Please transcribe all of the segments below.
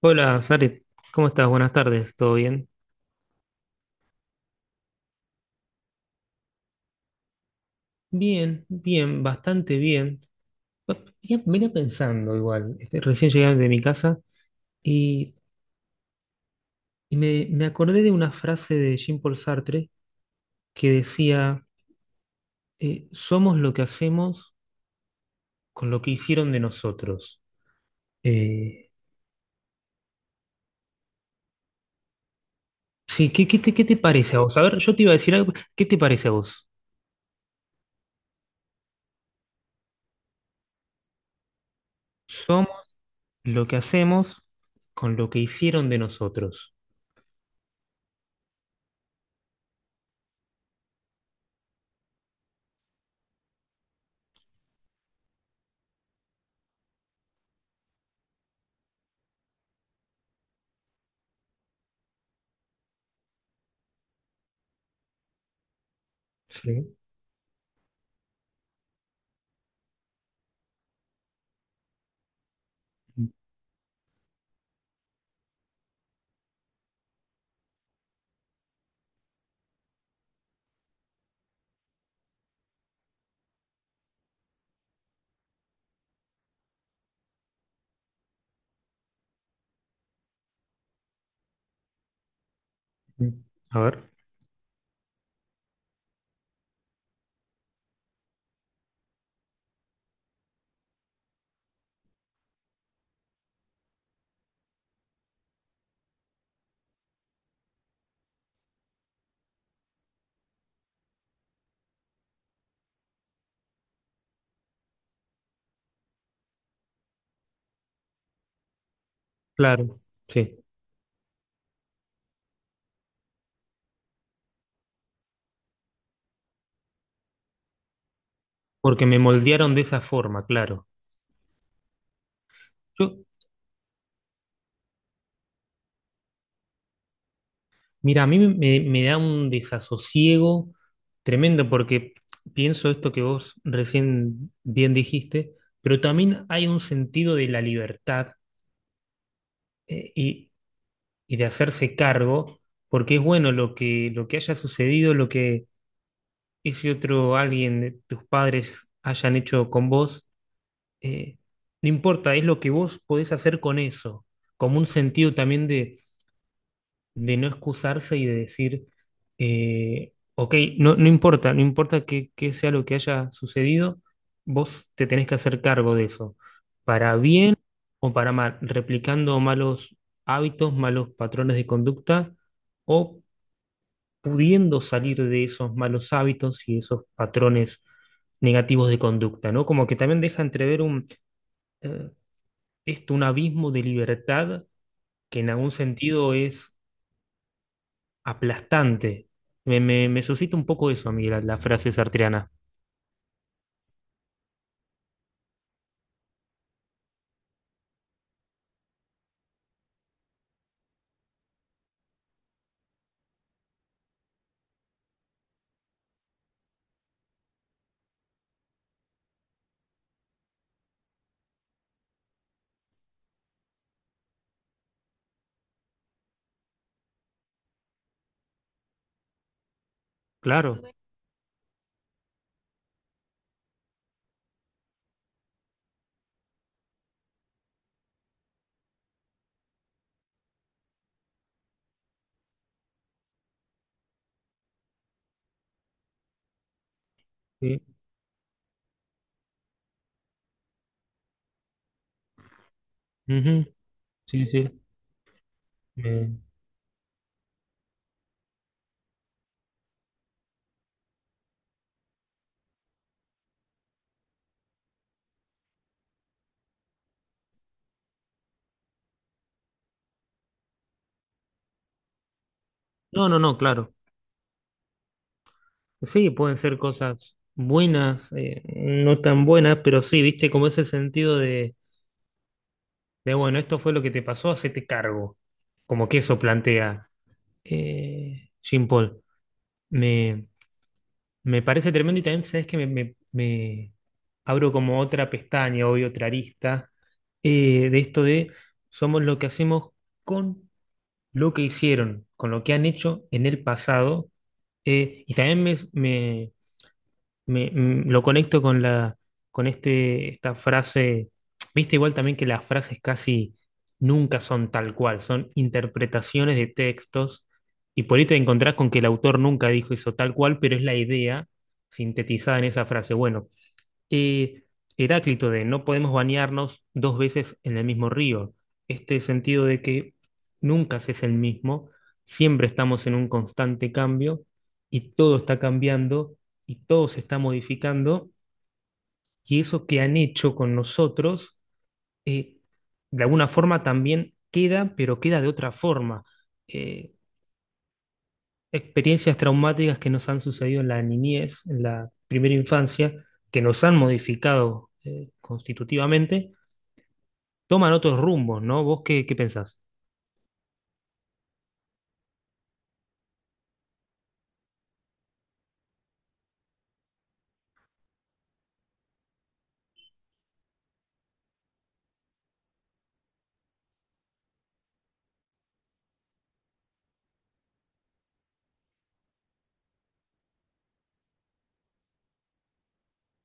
Hola, Sarit, ¿cómo estás? Buenas tardes, ¿todo bien? Bien, bien, bastante bien. Va- Venía, venía pensando igual, este, recién llegué de mi casa y, y me acordé de una frase de Jean-Paul Sartre que decía, somos lo que hacemos con lo que hicieron de nosotros. Eh, sí, ¿ qué te parece a vos? A ver, yo te iba a decir algo, ¿qué te parece a vos? Somos lo que hacemos con lo que hicieron de nosotros. Sí. A ver. Claro, sí, porque me moldearon de esa forma, claro. Yo, mira, a mí me da un desasosiego tremendo porque pienso esto que vos recién bien dijiste, pero también hay un sentido de la libertad eh, y, y de hacerse cargo, porque es bueno lo que haya sucedido, lo que ese otro alguien, de tus padres, hayan hecho con vos, eh, no importa, es lo que vos podés hacer con eso, como un sentido también de no excusarse y de decir, ok, no, no importa, no importa qué sea lo que haya sucedido, vos te tenés que hacer cargo de eso, para bien o para mal, replicando malos hábitos, malos patrones de conducta o pudiendo salir de esos malos hábitos y esos patrones negativos de conducta, ¿no? Como que también deja entrever eh, un abismo de libertad que en algún sentido es aplastante. Me suscita un poco eso a mí, la frase sartreana. Claro, sí. Ujú. Sí, sí. Eh, no, no, no, claro. Sí, pueden ser cosas buenas, no tan buenas, pero sí, viste, como ese sentido de bueno, esto fue lo que te pasó, hacete cargo. Como que eso plantea Jean Paul. Me, me parece tremendo y también, ¿sabes que me abro como otra pestaña, hoy otra arista de esto de somos lo que hacemos con lo que hicieron, con lo que han hecho en el pasado. Y también me- me- mm, lo conecto con con esta frase, viste igual también que las frases casi nunca son tal cual, son interpretaciones de textos, y por ahí te encontrás con que el autor nunca dijo eso tal cual, pero es la idea sintetizada en esa frase. Bueno, eh, Heráclito de no podemos bañarnos dos veces en el mismo río. Este sentido de que nunca se es el mismo, siempre estamos en un constante cambio y todo está cambiando y todo se está modificando y eso que han hecho con nosotros, eh, de alguna forma también queda, pero queda de otra forma. Eh, experiencias traumáticas que nos han sucedido en la niñez, en la primera infancia, que nos han modificado constitutivamente toman otros rumbos, ¿no? ¿Vos qué pensás?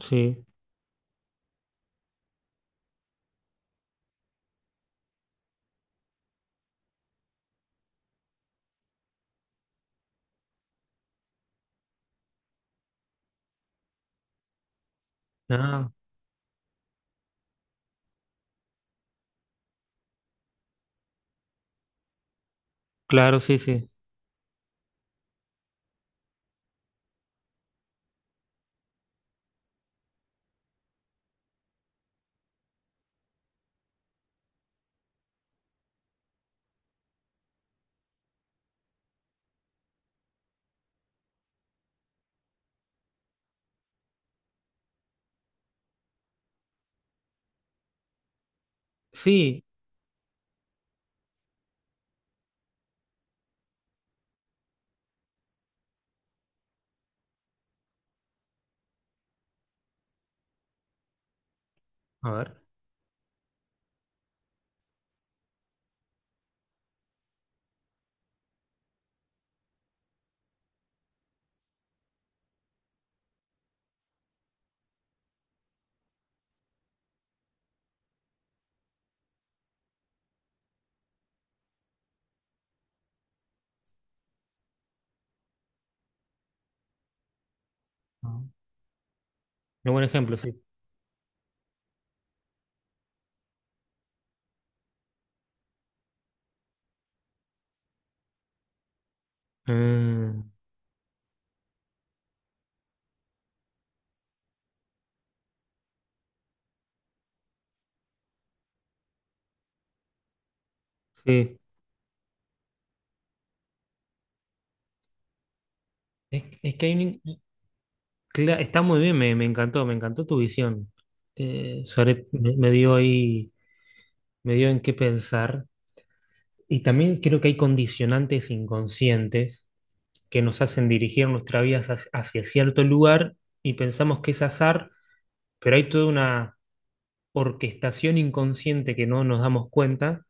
Sí. Ah, claro, sí, sí. Sí, a ver. Ah. Un buen ejemplo, sí. Ah, sí. Es que hay está muy bien, me encantó tu visión. Suárez me dio ahí, me dio en qué pensar. Y también creo que hay condicionantes inconscientes que nos hacen dirigir nuestra vida hacia, hacia cierto lugar y pensamos que es azar, pero hay toda una orquestación inconsciente que no nos damos cuenta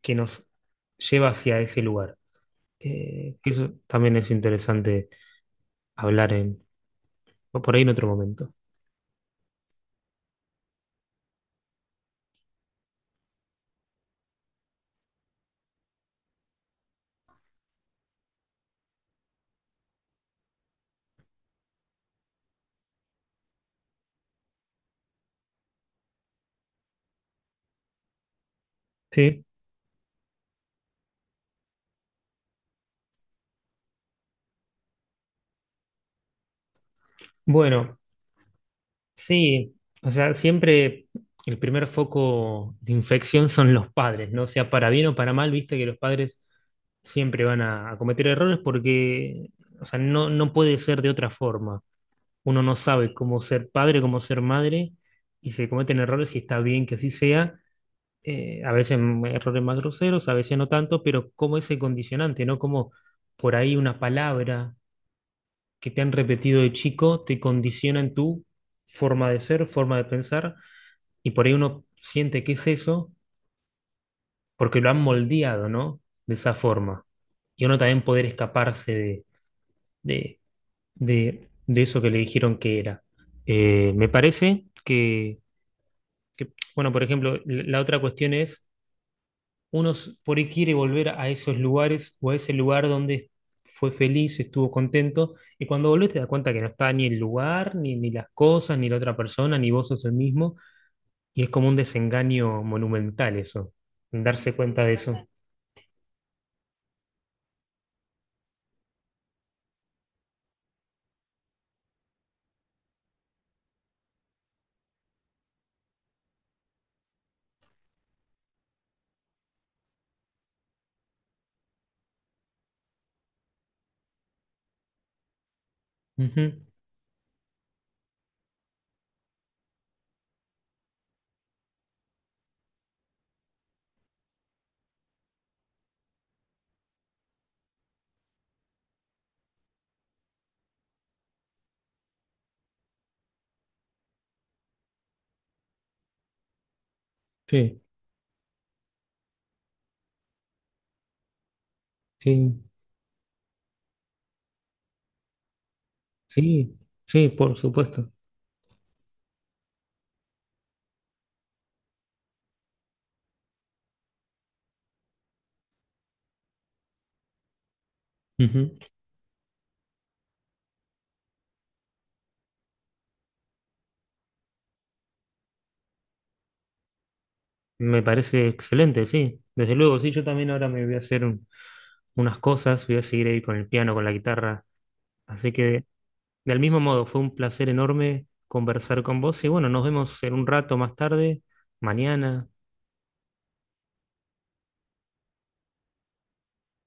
que nos lleva hacia ese lugar. Eso también es interesante hablar en, o por ahí en otro momento. Sí, bueno, sí, o sea, siempre el primer foco de infección son los padres, ¿no? O sea, para bien o para mal, viste que los padres siempre van a cometer errores porque, o sea, no, no puede ser de otra forma. Uno no sabe cómo ser padre, cómo ser madre, y se cometen errores y está bien que así sea a veces errores más groseros, a veces no tanto, pero como ese condicionante, ¿no? Como por ahí una palabra que te han repetido de chico te condiciona en tu forma de ser, forma de pensar, y por ahí uno siente que es eso porque lo han moldeado, ¿no? De esa forma. Y uno también poder escaparse de, de eso que le dijeron que era. Me parece que, bueno, por ejemplo, la otra cuestión es uno por ahí quiere volver a esos lugares o a ese lugar donde fue feliz, estuvo contento, y cuando volvés te das cuenta que no está ni el lugar, ni las cosas, ni la otra persona, ni vos sos el mismo, y es como un desengaño monumental eso, darse Sí, cuenta de eso. Ujú. Sí, sí, sí, sí, por supuesto. Ujú. Me parece excelente, sí. Desde luego, sí, yo también ahora me voy a hacer unas cosas, voy a seguir ahí con el piano, con la guitarra. Así que Del mismo modo, fue un placer enorme conversar con vos y bueno, nos vemos en un rato más tarde, mañana.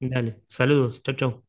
Dale, saludos, chau, chau.